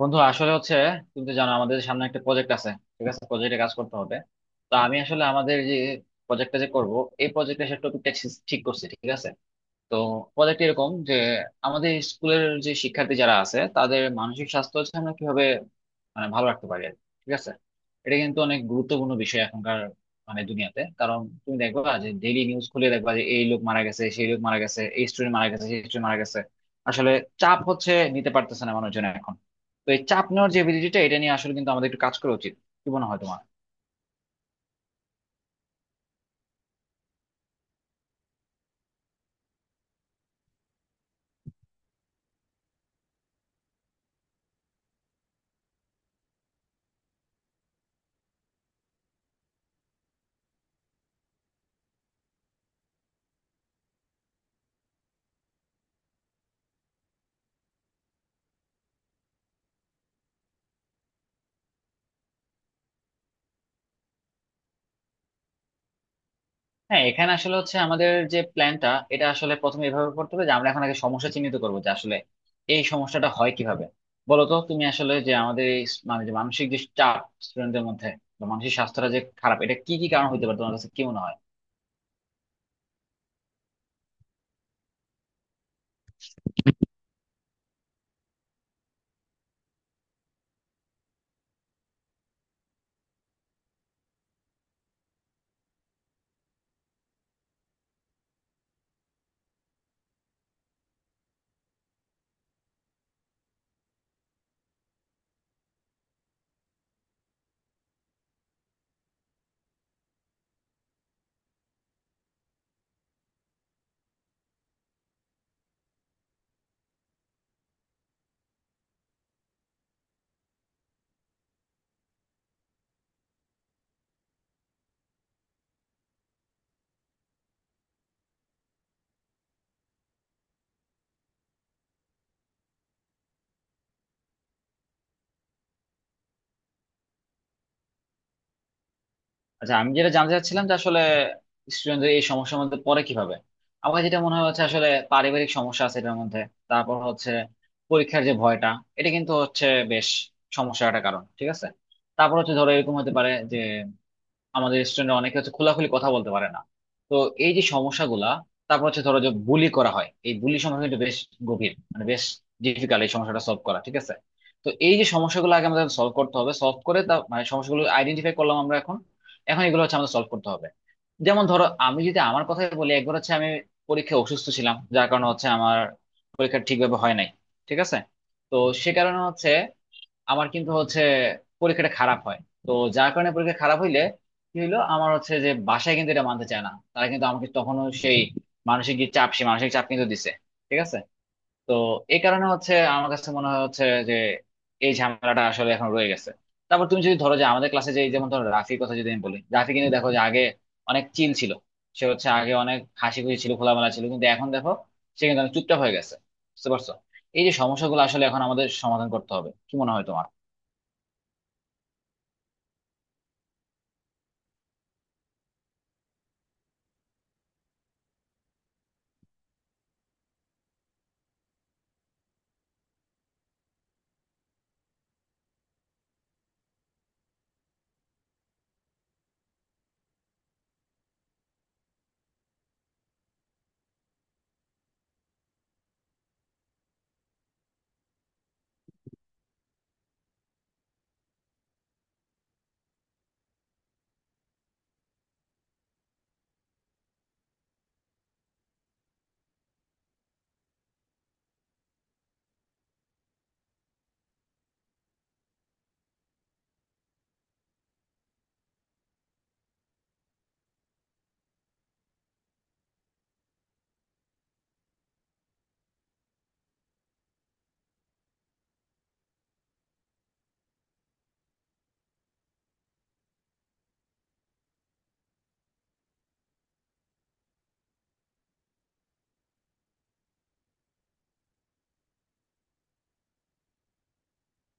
বন্ধু আসলে হচ্ছে তুমি তো জানো আমাদের সামনে একটা প্রজেক্ট আছে। ঠিক আছে, প্রজেক্টে কাজ করতে হবে। তো আমি আসলে আমাদের যে প্রজেক্টটা যে করব, এই প্রজেক্টে সে টপিকটা ঠিক করছি, ঠিক আছে। তো প্রজেক্ট এরকম যে আমাদের স্কুলের যে শিক্ষার্থী যারা আছে তাদের মানসিক স্বাস্থ্য হচ্ছে আমরা কিভাবে মানে ভালো রাখতে পারি আর কি। ঠিক আছে, এটা কিন্তু অনেক গুরুত্বপূর্ণ বিষয় এখনকার মানে দুনিয়াতে, কারণ তুমি দেখবা যে ডেইলি নিউজ খুলে দেখবা যে এই লোক মারা গেছে, সেই লোক মারা গেছে, এই স্টুডেন্ট মারা গেছে, সেই স্টুডেন্ট মারা গেছে। আসলে চাপ হচ্ছে, নিতে পারতেছে না মানুষজন এখন। তো এই চাপ নেওয়ার যে এবিলিটিটা, এটা নিয়ে আসলে কিন্তু আমাদের একটু কাজ করা উচিত। কি মনে হয় তোমার? হ্যাঁ, এখানে আসলে হচ্ছে আমাদের যে প্ল্যানটা, এটা আসলে প্রথমে এভাবে করতে হবে যে আমরা এখন আগে সমস্যা চিহ্নিত করবো যে আসলে এই সমস্যাটা হয় কিভাবে। বলো তো তুমি আসলে যে আমাদের এই মানে যে মানসিক যে চাপ স্টুডেন্টদের মধ্যে বা মানসিক স্বাস্থ্যটা যে খারাপ, এটা কি কি কারণ হতে পারে, তোমার কাছে কি মনে হয়? আচ্ছা, আমি যেটা জানতে চাচ্ছিলাম যে আসলে স্টুডেন্টদের এই সমস্যার মধ্যে পড়ে কিভাবে। আমার যেটা মনে হয় হচ্ছে আসলে পারিবারিক সমস্যা আছে এটার মধ্যে। তারপর হচ্ছে পরীক্ষার যে ভয়টা, এটা কিন্তু হচ্ছে বেশ সমস্যার একটা কারণ, ঠিক আছে। তারপর হচ্ছে ধরো এরকম হতে পারে যে আমাদের স্টুডেন্ট অনেকে হচ্ছে খোলাখুলি কথা বলতে পারে না। তো এই যে সমস্যাগুলা। তারপর হচ্ছে ধরো যে বুলি করা হয়, এই বুলি সমস্যা কিন্তু বেশ গভীর মানে বেশ ডিফিকাল্ট এই সমস্যাটা সলভ করা, ঠিক আছে। তো এই যে সমস্যাগুলো আগে আমাদের সলভ করতে হবে, সলভ করে তা মানে সমস্যাগুলো আইডেন্টিফাই করলাম আমরা এখন, এখন এগুলো হচ্ছে আমাদের সলভ করতে হবে। যেমন ধরো আমি যদি আমার কথাই বলি, একবার হচ্ছে আমি পরীক্ষায় অসুস্থ ছিলাম যার কারণে হচ্ছে আমার পরীক্ষা ঠিকভাবে হয় নাই, ঠিক আছে। তো সে কারণে হচ্ছে আমার কিন্তু হচ্ছে পরীক্ষাটা খারাপ হয়। তো যার কারণে পরীক্ষা খারাপ হইলে কি হইলো, আমার হচ্ছে যে বাসায় কিন্তু এটা মানতে চায় না, তারা কিন্তু আমাকে তখনও সেই মানসিক যে চাপ, সেই মানসিক চাপ কিন্তু দিছে, ঠিক আছে। তো এই কারণে হচ্ছে আমার কাছে মনে হয় হচ্ছে যে এই ঝামেলাটা আসলে এখন রয়ে গেছে। তারপর তুমি যদি ধরো যে আমাদের ক্লাসে যে, যেমন ধরো রাফির কথা যদি আমি বলি, রাফি কিন্তু দেখো যে আগে অনেক চিল ছিল, সে হচ্ছে আগে অনেক হাসি খুশি ছিল, খোলামেলা ছিল, কিন্তু এখন দেখো সে কিন্তু অনেক চুপচাপ হয়ে গেছে। বুঝতে পারছো? এই যে সমস্যাগুলো আসলে এখন আমাদের সমাধান করতে হবে, কি মনে হয় তোমার?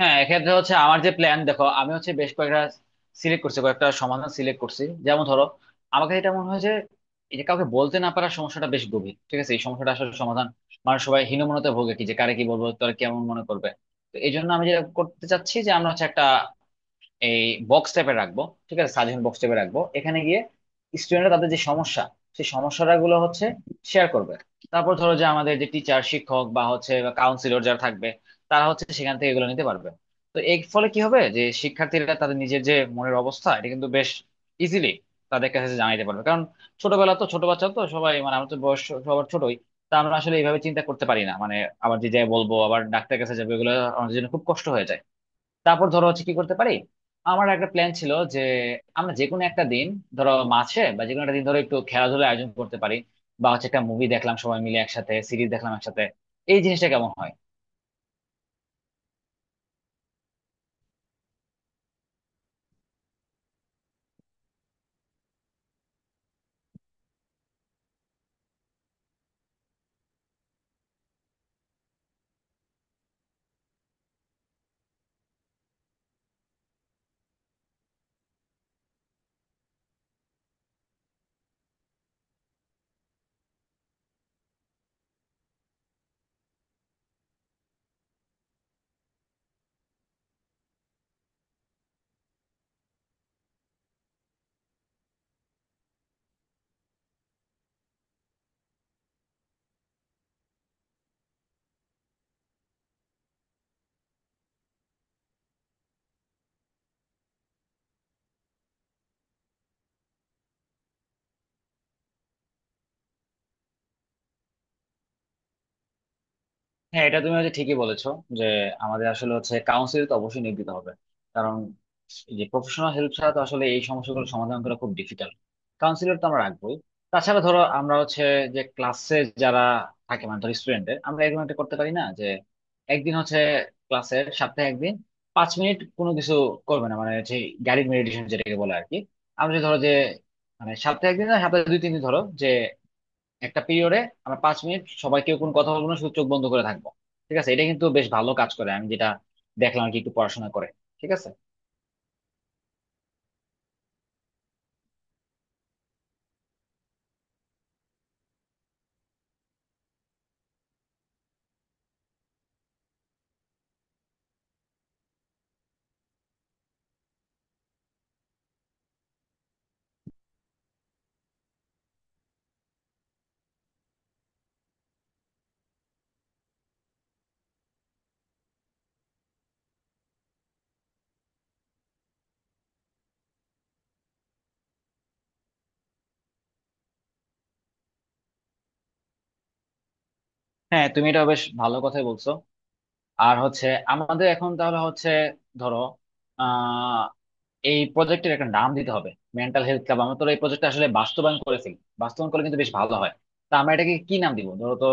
হ্যাঁ, এক্ষেত্রে হচ্ছে আমার যে প্ল্যান, দেখো আমি হচ্ছে বেশ কয়েকটা সিলেক্ট করছি, কয়েকটা সমাধান সিলেক্ট করছি। যেমন ধরো আমার কাছে এটা মনে হয় যে এই যে কাউকে বলতে না পারার সমস্যাটা বেশ গভীর, ঠিক আছে, এই সমস্যাটা আসলে সমাধান, মানুষ সবাই হীনমন্যতায় ভোগে, কি যে কারে কি বলবো, তোরা কেমন মনে করবে। তো এই জন্য আমি যেটা করতে চাচ্ছি যে আমরা হচ্ছে একটা এই বক্স টাইপে রাখবো, ঠিক আছে, সাজেশন বক্স টাইপে রাখবো। এখানে গিয়ে স্টুডেন্টরা তাদের যে সমস্যা, সেই সমস্যাগুলো হচ্ছে শেয়ার করবে। তারপর ধরো যে আমাদের যে টিচার শিক্ষক বা হচ্ছে কাউন্সিলর যারা থাকবে, তারা হচ্ছে সেখান থেকে এগুলো নিতে পারবে। তো এর ফলে কি হবে যে শিক্ষার্থীরা তাদের নিজের যে মনের অবস্থা, এটা কিন্তু বেশ ইজিলি তাদের কাছে জানাইতে পারবে। কারণ ছোটবেলা তো, ছোট বাচ্চা তো সবাই, মানে আমার তো বয়স সবার ছোটই, তা আমরা আসলে এইভাবে চিন্তা করতে পারি না মানে আবার যে যাই বলবো আবার ডাক্তারের কাছে যাবে, এগুলো আমাদের জন্য খুব কষ্ট হয়ে যায়। তারপর ধরো হচ্ছে কি করতে পারি, আমার একটা প্ল্যান ছিল যে আমরা যে কোনো একটা দিন, ধরো মাসে বা যে কোনো একটা দিন ধরো, একটু খেলাধুলা আয়োজন করতে পারি। বা হচ্ছে একটা মুভি দেখলাম সবাই মিলে একসাথে, সিরিজ দেখলাম একসাথে, এই জিনিসটা কেমন হয়? হ্যাঁ, এটা তুমি হচ্ছে ঠিকই বলেছো যে আমাদের আসলে হচ্ছে কাউন্সিল তো অবশ্যই নিয়োগ দিতে হবে, কারণ এই যে প্রফেশনাল হেল্প ছাড়া তো আসলে এই সমস্যাগুলো সমাধান করা খুব ডিফিকাল্ট। কাউন্সিলর তো আমরা রাখবোই। তাছাড়া ধরো আমরা হচ্ছে যে ক্লাসে যারা থাকে মানে ধরো স্টুডেন্টদের, আমরা এরকম একটা করতে পারি না যে একদিন হচ্ছে ক্লাসের, সপ্তাহে একদিন 5 মিনিট কোনো কিছু করবে না মানে হচ্ছে গাইডেড মেডিটেশন যেটাকে বলে আর কি। আমরা যে ধরো যে মানে সপ্তাহে একদিন না, সপ্তাহে দুই তিন দিন ধরো যে একটা পিরিয়ডে আমরা 5 মিনিট সবাই কেউ কোনো কথা বলবো না, শুধু চোখ বন্ধ করে থাকবো। ঠিক আছে, এটা কিন্তু বেশ ভালো কাজ করে, আমি যেটা দেখলাম আর কি একটু পড়াশোনা করে। ঠিক আছে। হ্যাঁ, তুমি এটা বেশ ভালো কথাই বলছো। আর হচ্ছে আমাদের এখন তাহলে হচ্ছে ধরো আহ এই প্রজেক্টের একটা নাম দিতে হবে। মেন্টাল হেলথ ক্লাব আমরা তো এই প্রজেক্টটা আসলে বাস্তবায়ন করেছি, বাস্তবায়ন করলে কিন্তু বেশ ভালো হয়। তা আমরা এটাকে কি নাম দিব ধরো তো।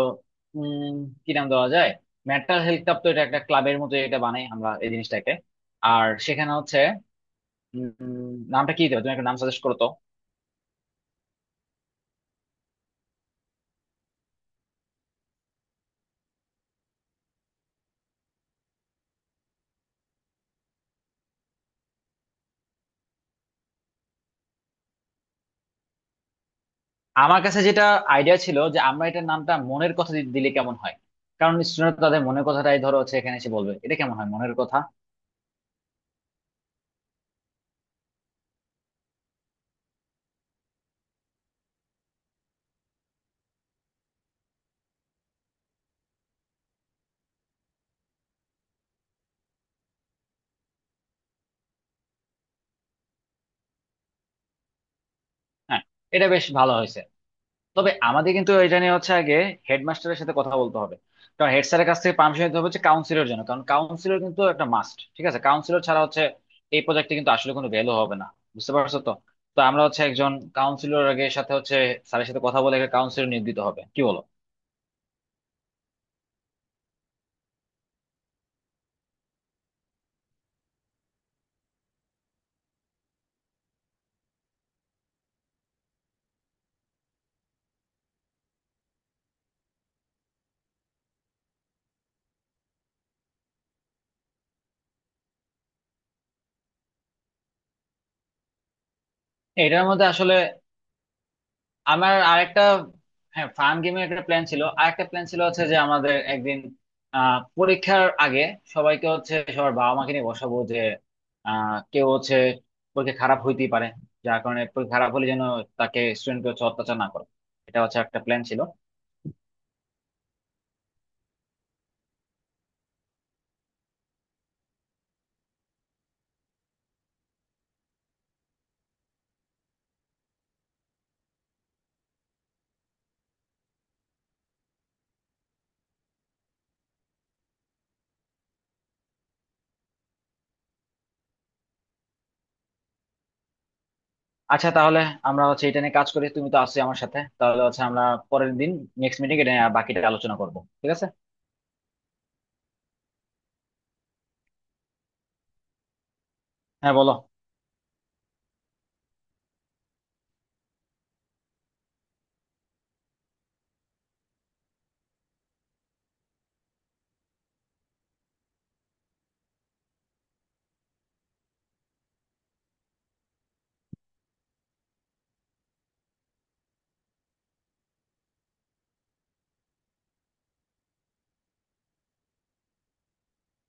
উম কি নাম দেওয়া যায়? মেন্টাল হেলথ ক্লাব তো, এটা একটা ক্লাবের মতো এটা বানাই আমরা এই জিনিসটাকে। আর সেখানে হচ্ছে নামটা কি দেবে? তুমি একটা নাম সাজেস্ট করো তো। আমার কাছে যেটা আইডিয়া ছিল যে আমরা এটার নামটা মনের কথা দিলে কেমন হয়। কারণ স্টুডেন্ট তাদের মনের কথাটাই ধরো হচ্ছে এখানে এসে বলবে, এটা কেমন হয় মনের কথা? হ্যাঁ, এটা বেশ ভালো হয়েছে। তবে আমাদের কিন্তু এটা নিয়ে হচ্ছে আগে হেডমাস্টারের সাথে কথা বলতে হবে, কারণ হেড স্যারের কাছ থেকে পারমিশন নিতে হবে হচ্ছে কাউন্সিলর জন্য, কারণ কাউন্সিলর কিন্তু একটা মাস্ট, ঠিক আছে, কাউন্সিলর ছাড়া হচ্ছে এই প্রজেক্টে কিন্তু আসলে কোনো ভ্যালু হবে না। বুঝতে পারছো তো? তো আমরা হচ্ছে একজন কাউন্সিলর আগে, সাথে হচ্ছে স্যারের সাথে কথা বলে একটা কাউন্সিলর নিয়োগ দিতে হবে, কি বলো? এটার মধ্যে আসলে আমার আরেকটা, হ্যাঁ ফান গেমের একটা প্ল্যান ছিল। আরেকটা প্ল্যান ছিল হচ্ছে যে আমাদের একদিন পরীক্ষার আগে সবাইকে হচ্ছে সবার বাবা মাকে নিয়ে বসাবো যে কেউ হচ্ছে পরীক্ষা খারাপ হইতেই পারে, যার কারণে পরীক্ষা খারাপ হলে যেন তাকে স্টুডেন্টকে হচ্ছে অত্যাচার না করে, এটা হচ্ছে একটা প্ল্যান ছিল। আচ্ছা, তাহলে আমরা হচ্ছে এটা নিয়ে কাজ করি, তুমি তো আছো আমার সাথে, তাহলে হচ্ছে আমরা পরের দিন নেক্সট মিটিং এটা নিয়ে বাকিটা আলোচনা করবো, ঠিক আছে। হ্যাঁ বলো।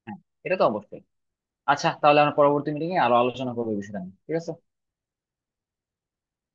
হ্যাঁ, এটা তো অবশ্যই। আচ্ছা তাহলে আমরা পরবর্তী মিটিং এ আরো আলোচনা করবো এই বিষয়টা নিয়ে, ঠিক আছে।